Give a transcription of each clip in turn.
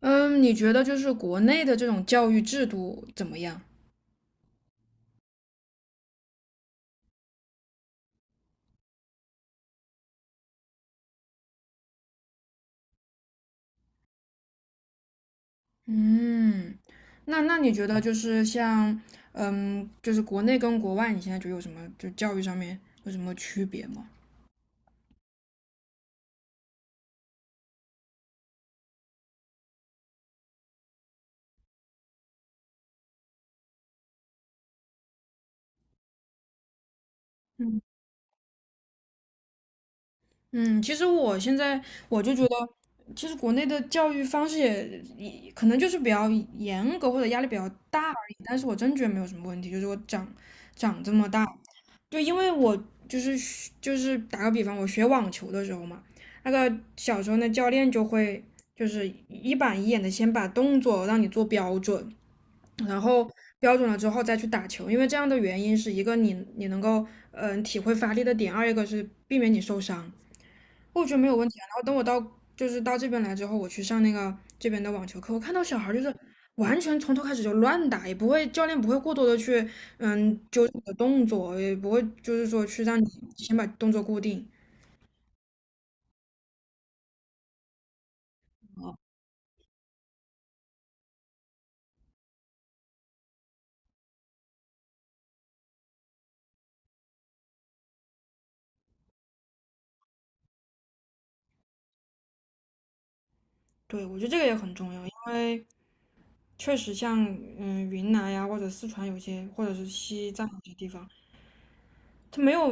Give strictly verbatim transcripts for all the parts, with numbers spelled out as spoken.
嗯，你觉得就是国内的这种教育制度怎么样？嗯，那那你觉得就是像，嗯，就是国内跟国外，你现在觉得有什么就教育上面有什么区别吗？嗯，其实我现在我就觉得，其实国内的教育方式也也可能就是比较严格或者压力比较大而已，但是我真觉得没有什么问题，就是我长长这么大。就因为我就是就是打个比方，我学网球的时候嘛，那个小时候那教练就会就是一板一眼的先把动作让你做标准，然后标准了之后再去打球，因为这样的原因是一个你你能够嗯、呃体会发力的点，二一个是避免你受伤。我觉得没有问题啊。然后等我到就是到这边来之后，我去上那个这边的网球课，我看到小孩儿就是完全从头开始就乱打，也不会教练不会过多的去嗯纠正你的动作，也不会就是说去让你先把动作固定。对，我觉得这个也很重要，因为确实像嗯云南呀或者四川有些，或者是西藏有些地方，他没有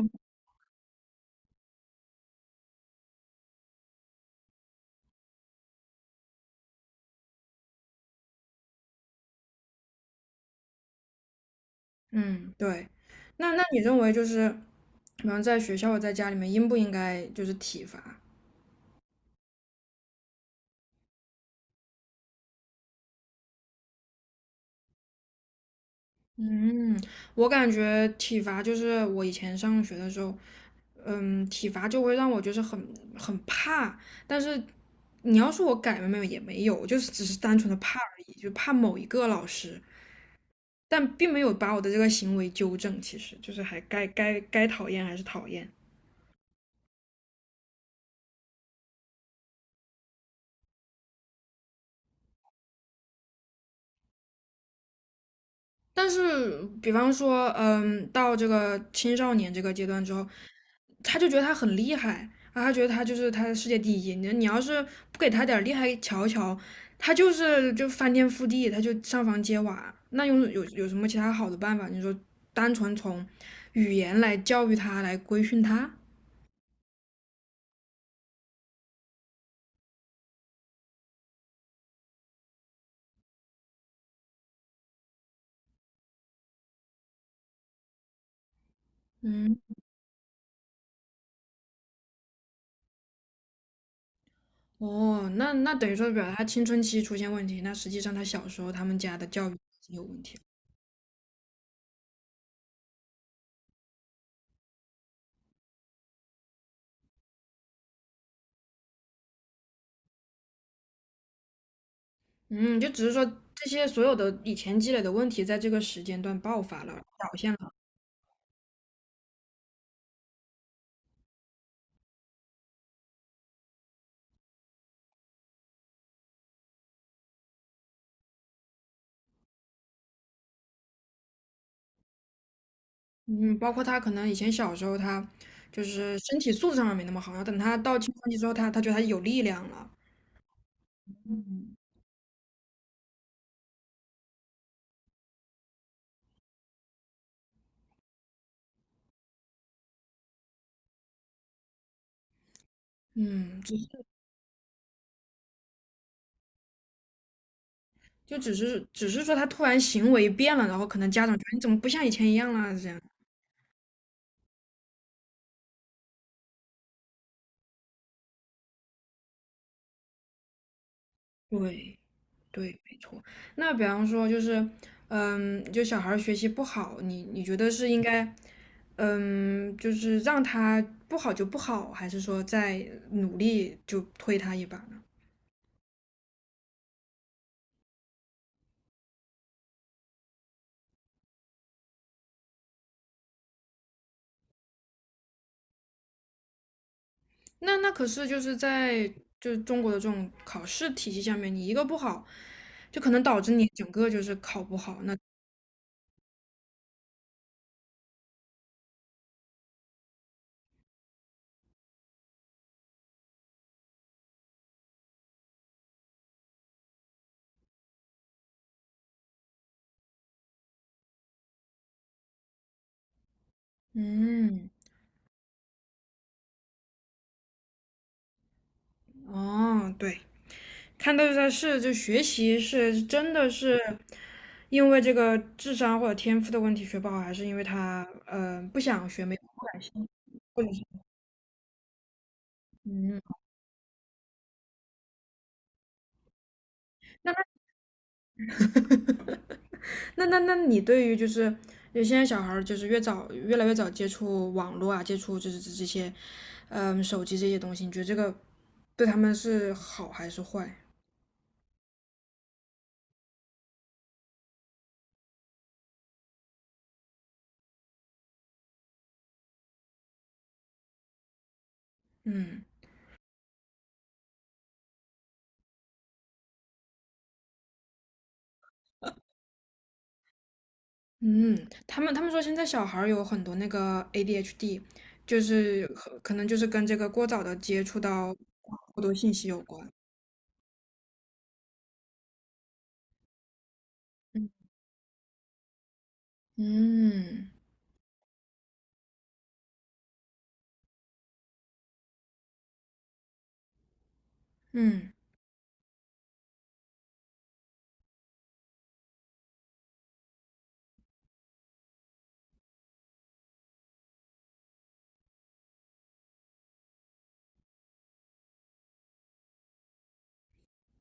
嗯对。那那你认为就是，比方在学校或在家里面应不应该就是体罚？嗯，我感觉体罚就是我以前上学的时候，嗯，体罚就会让我就是很很怕，但是你要说我改了没有也没有，就是只是单纯的怕而已，就怕某一个老师，但并没有把我的这个行为纠正，其实就是还该该该讨厌还是讨厌。但是，比方说，嗯，到这个青少年这个阶段之后，他就觉得他很厉害啊，他觉得他就是他的世界第一。你你要是不给他点厉害瞧瞧，他就是就翻天覆地，他就上房揭瓦。那用有有什么其他好的办法？你说单纯从语言来教育他，来规训他？嗯，哦，那那等于说表达他青春期出现问题，那实际上他小时候他们家的教育已经有问题了。嗯，就只是说这些所有的以前积累的问题，在这个时间段爆发了，嗯，包括他可能以前小时候他就是身体素质上面没那么好，然后等他到青春期之后，他他觉得他有力量了，嗯，就就只是只是说他突然行为变了，然后可能家长觉得你怎么不像以前一样啦这样。对对，没错。那比方说就是，嗯，就小孩儿学习不好，你你觉得是应该，嗯，就是让他不好就不好，还是说再努力就推他一把？那那可是就是在就是中国的这种考试体系下面，你一个不好，就可能导致你整个就是考不好。那嗯，哦，对，看到就在是就学习是真的是因为这个智商或者天赋的问题学不好，还是因为他呃不想学，没有不好感兴趣，或者是嗯，那那那那你对于就是有现在小孩儿就是越早越来越早接触网络啊，接触就是这这些，嗯，手机这些东西，你觉得这个对他们是好还是坏？嗯嗯，他们他们说现在小孩儿有很多那个 A D H D，就是可可能就是跟这个过早的接触到过多信息有关。嗯嗯嗯，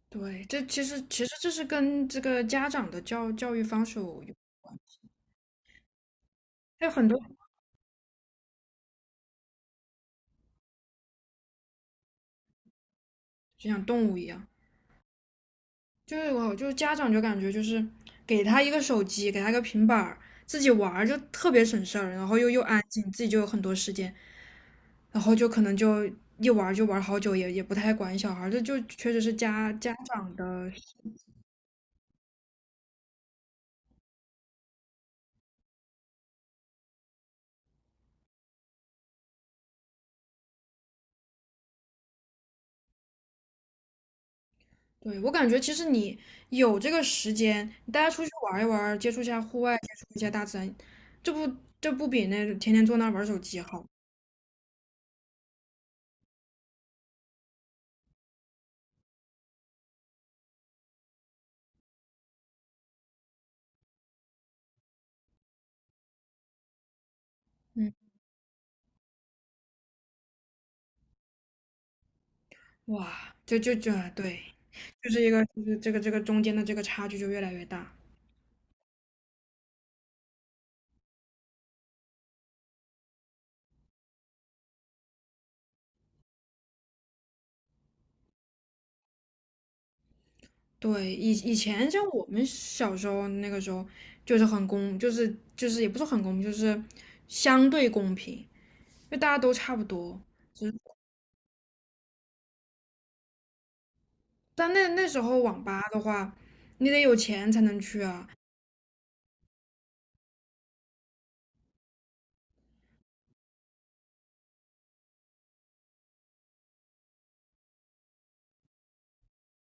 对，这其实其实这是跟这个家长的教教育方式有关，还有很多就像动物一样。就是我就家长就感觉就是给他一个手机，给他一个平板儿，自己玩儿就特别省事儿，然后又又安静，自己就有很多时间，然后就可能就一玩儿就玩儿好久，也也不太管小孩儿，这就确实是家家长的。对，我感觉其实你有这个时间，你带他出去玩儿一玩儿，接触一下户外，接触一下大自然，这不这不比那天天坐那儿玩儿手机好？嗯，哇，就就就对，就是一个就是这个这个中间的这个差距就越来越大。对，以以前像我们小时候那个时候，就是很公，就是就是也不是很公平，就是相对公平，就大家都差不多。只但那那时候网吧的话，你得有钱才能去啊。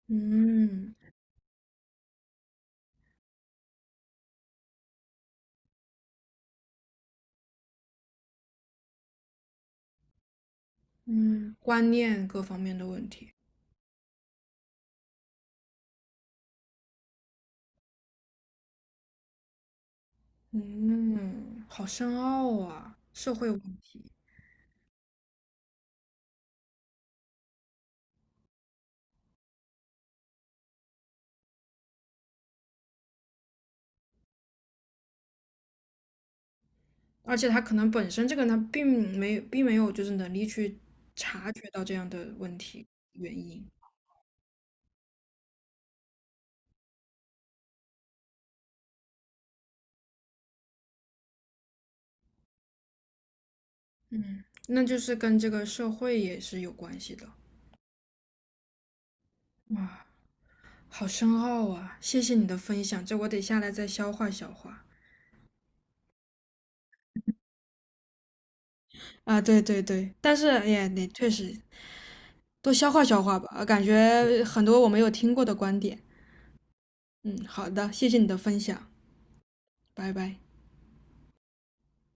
嗯嗯，观念各方面的问题。嗯，好深奥啊，社会问题。而且他可能本身这个人他并没并没有就是能力去察觉到这样的问题原因。嗯，那就是跟这个社会也是有关系的。哇，好深奥啊！谢谢你的分享，这我得下来再消化消化。啊，对对对，但是哎呀，你确实多消化消化吧，感觉很多我没有听过的观点。嗯，好的，谢谢你的分享，拜拜。